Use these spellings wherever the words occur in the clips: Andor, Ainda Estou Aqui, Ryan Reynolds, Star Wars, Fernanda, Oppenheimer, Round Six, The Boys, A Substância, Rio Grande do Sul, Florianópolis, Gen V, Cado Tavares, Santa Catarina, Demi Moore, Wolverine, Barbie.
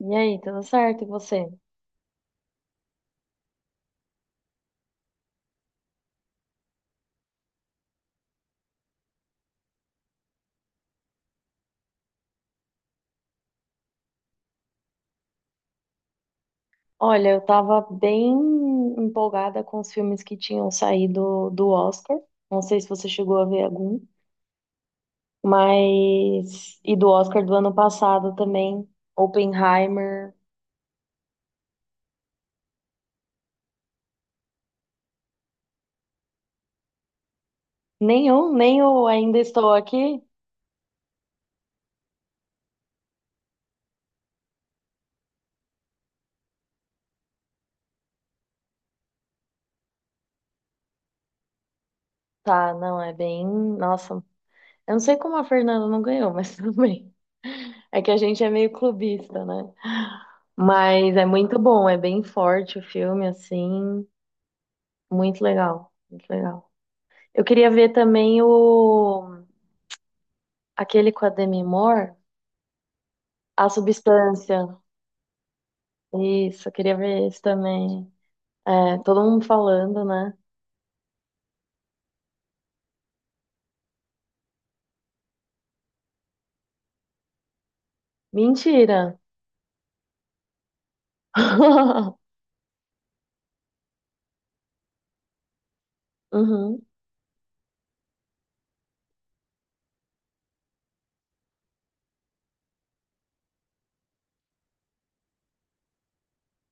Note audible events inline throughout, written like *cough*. E aí, tudo certo? E você? Olha, eu tava bem empolgada com os filmes que tinham saído do Oscar. Não sei se você chegou a ver algum, mas. E do Oscar do ano passado também. Oppenheimer. Nenhum, nem o Ainda Estou Aqui. Tá, não, é bem. Nossa, eu não sei como a Fernanda não ganhou, mas *laughs* tudo bem. É que a gente é meio clubista, né? Mas é muito bom, é bem forte o filme, assim. Muito legal, muito legal. Eu queria ver também o aquele com a Demi Moore, A Substância. Isso, eu queria ver esse também. É, todo mundo falando, né? Mentira. *laughs* Uhum.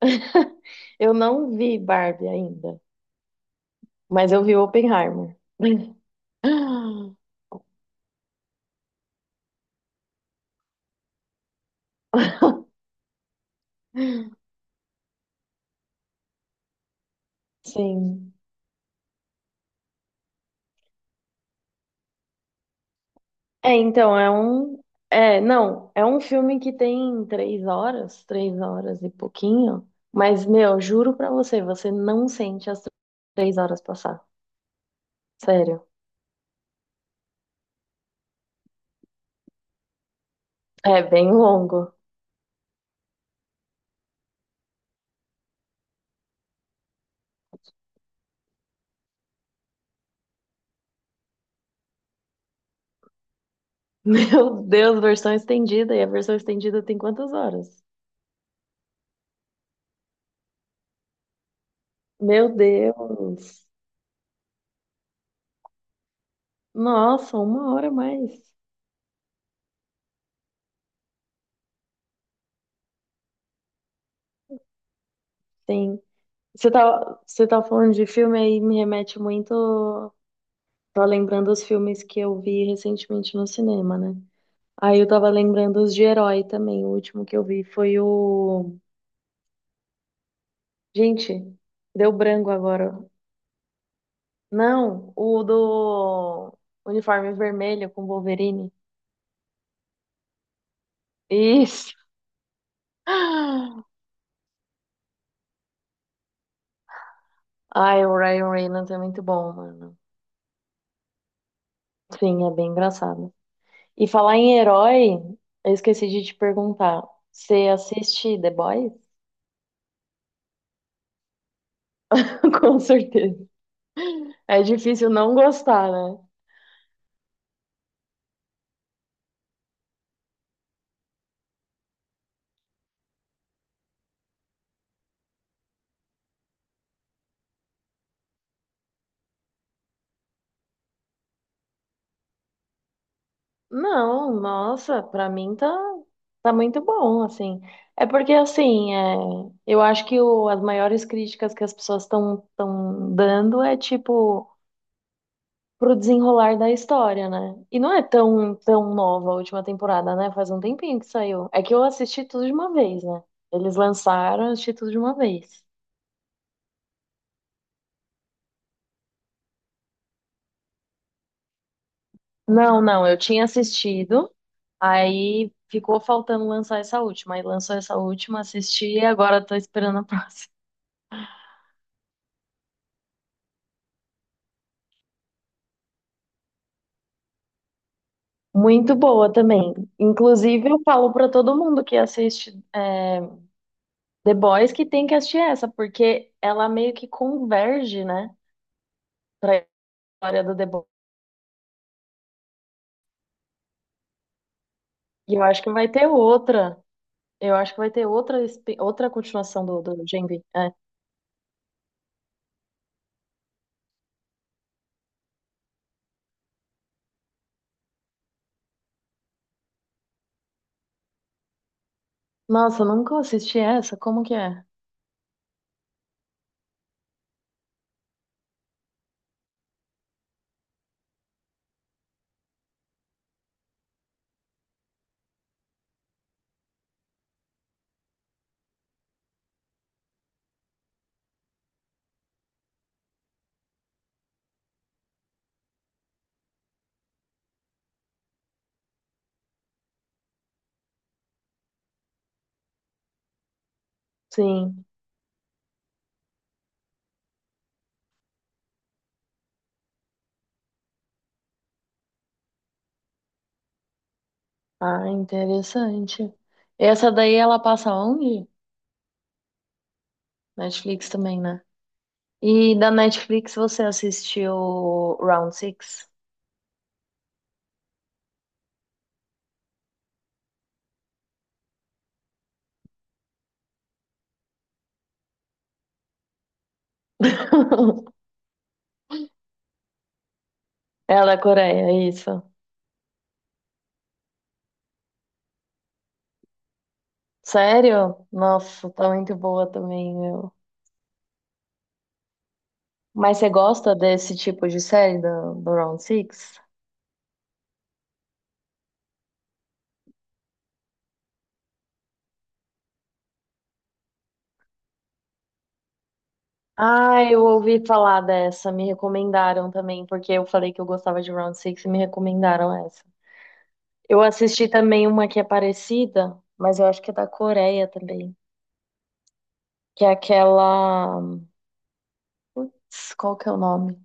*laughs* Eu não vi Barbie ainda, mas eu vi Oppenheimer. *laughs* Sim. É, então, é um. É, não, é um filme que tem três horas e pouquinho, mas, meu, juro pra você, você não sente as três horas passar. Sério. É bem longo. *laughs* Meu Deus, versão estendida. E a versão estendida tem quantas horas? Meu Deus. Nossa, uma hora a mais. Sim. Você tá falando de filme aí, me remete muito. Tô lembrando os filmes que eu vi recentemente no cinema, né? Aí eu tava lembrando os de herói também. O último que eu vi foi o. Gente, deu branco agora. Não, o do uniforme vermelho com Wolverine. Isso! *gasps* Ai, o Ryan Reynolds é muito bom, mano. Sim, é bem engraçado. E falar em herói, eu esqueci de te perguntar. Você assiste The Boys? *laughs* Com certeza. É difícil não gostar, né? Não, nossa, pra mim tá, tá muito bom, assim. É porque, assim, é, eu acho que as maiores críticas que as pessoas estão dando é, tipo, pro desenrolar da história, né? E não é tão, tão nova a última temporada, né? Faz um tempinho que saiu. É que eu assisti tudo de uma vez, né? Eles lançaram, eu assisti tudo de uma vez. Não, não, eu tinha assistido, aí ficou faltando lançar essa última. Aí lançou essa última, assisti e agora tô esperando a próxima. Muito boa também. Inclusive, eu falo para todo mundo que assiste é, The Boys que tem que assistir essa, porque ela meio que converge, né, para história do The Boys. E eu acho que vai ter outra. Eu acho que vai ter outra, espi- outra continuação do Gen V. É. Nossa, eu nunca assisti essa. Como que é? Sim. Ah, interessante. Essa daí ela passa onde? Netflix também, né? E da Netflix você assistiu Round Six? *laughs* É da Coreia, isso. Sério? Nossa, tá muito boa também, meu. Mas você gosta desse tipo de série do Round Six? Ah, eu ouvi falar dessa, me recomendaram também, porque eu falei que eu gostava de Round Six e me recomendaram essa. Eu assisti também uma que é parecida, mas eu acho que é da Coreia também, que é aquela... Qual que é o nome?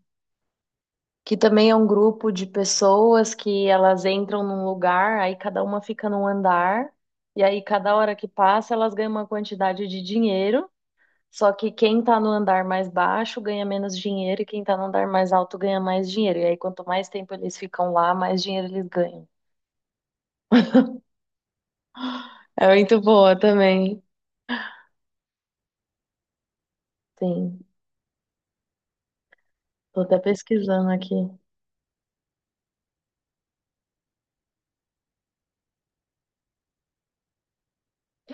Que também é um grupo de pessoas que elas entram num lugar, aí cada uma fica num andar, e aí cada hora que passa elas ganham uma quantidade de dinheiro, só que quem tá no andar mais baixo ganha menos dinheiro e quem tá no andar mais alto ganha mais dinheiro. E aí quanto mais tempo eles ficam lá, mais dinheiro eles ganham. *laughs* É muito boa também. Sim, tô até pesquisando aqui.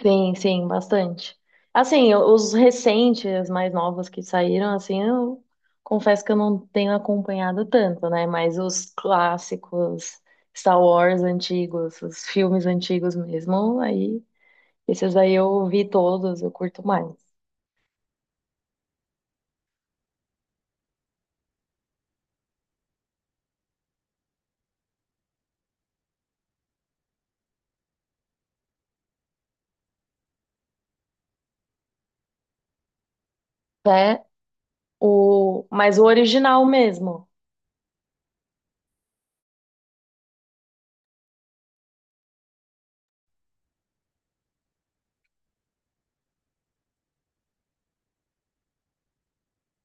Sim, sim, bastante. Assim, os recentes, mais novos que saíram, assim, eu confesso que eu não tenho acompanhado tanto, né? Mas os clássicos, Star Wars antigos, os filmes antigos mesmo, aí, esses aí eu vi todos, eu curto mais. É o, mas o original mesmo.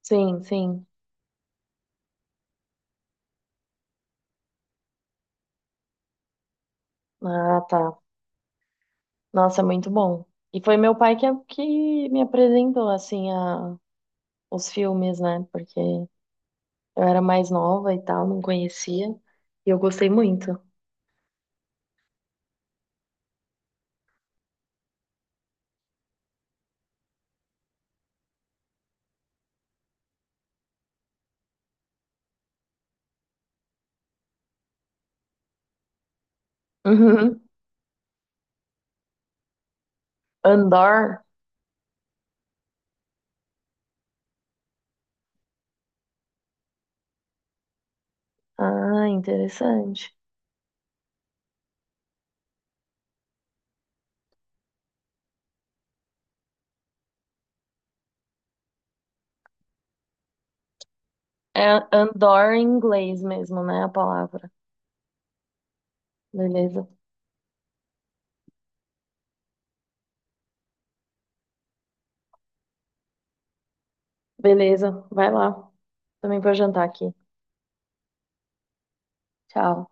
Sim, sim. Ah, tá. Nossa, é muito bom. E foi meu pai que me apresentou, assim, a, os filmes, né? Porque eu era mais nova e tal, não conhecia. E eu gostei muito. Uhum. *laughs* Andor? Ah, interessante. É Andor em inglês mesmo, né? A palavra. Beleza. Beleza, vai lá. Também vou jantar aqui. Tchau.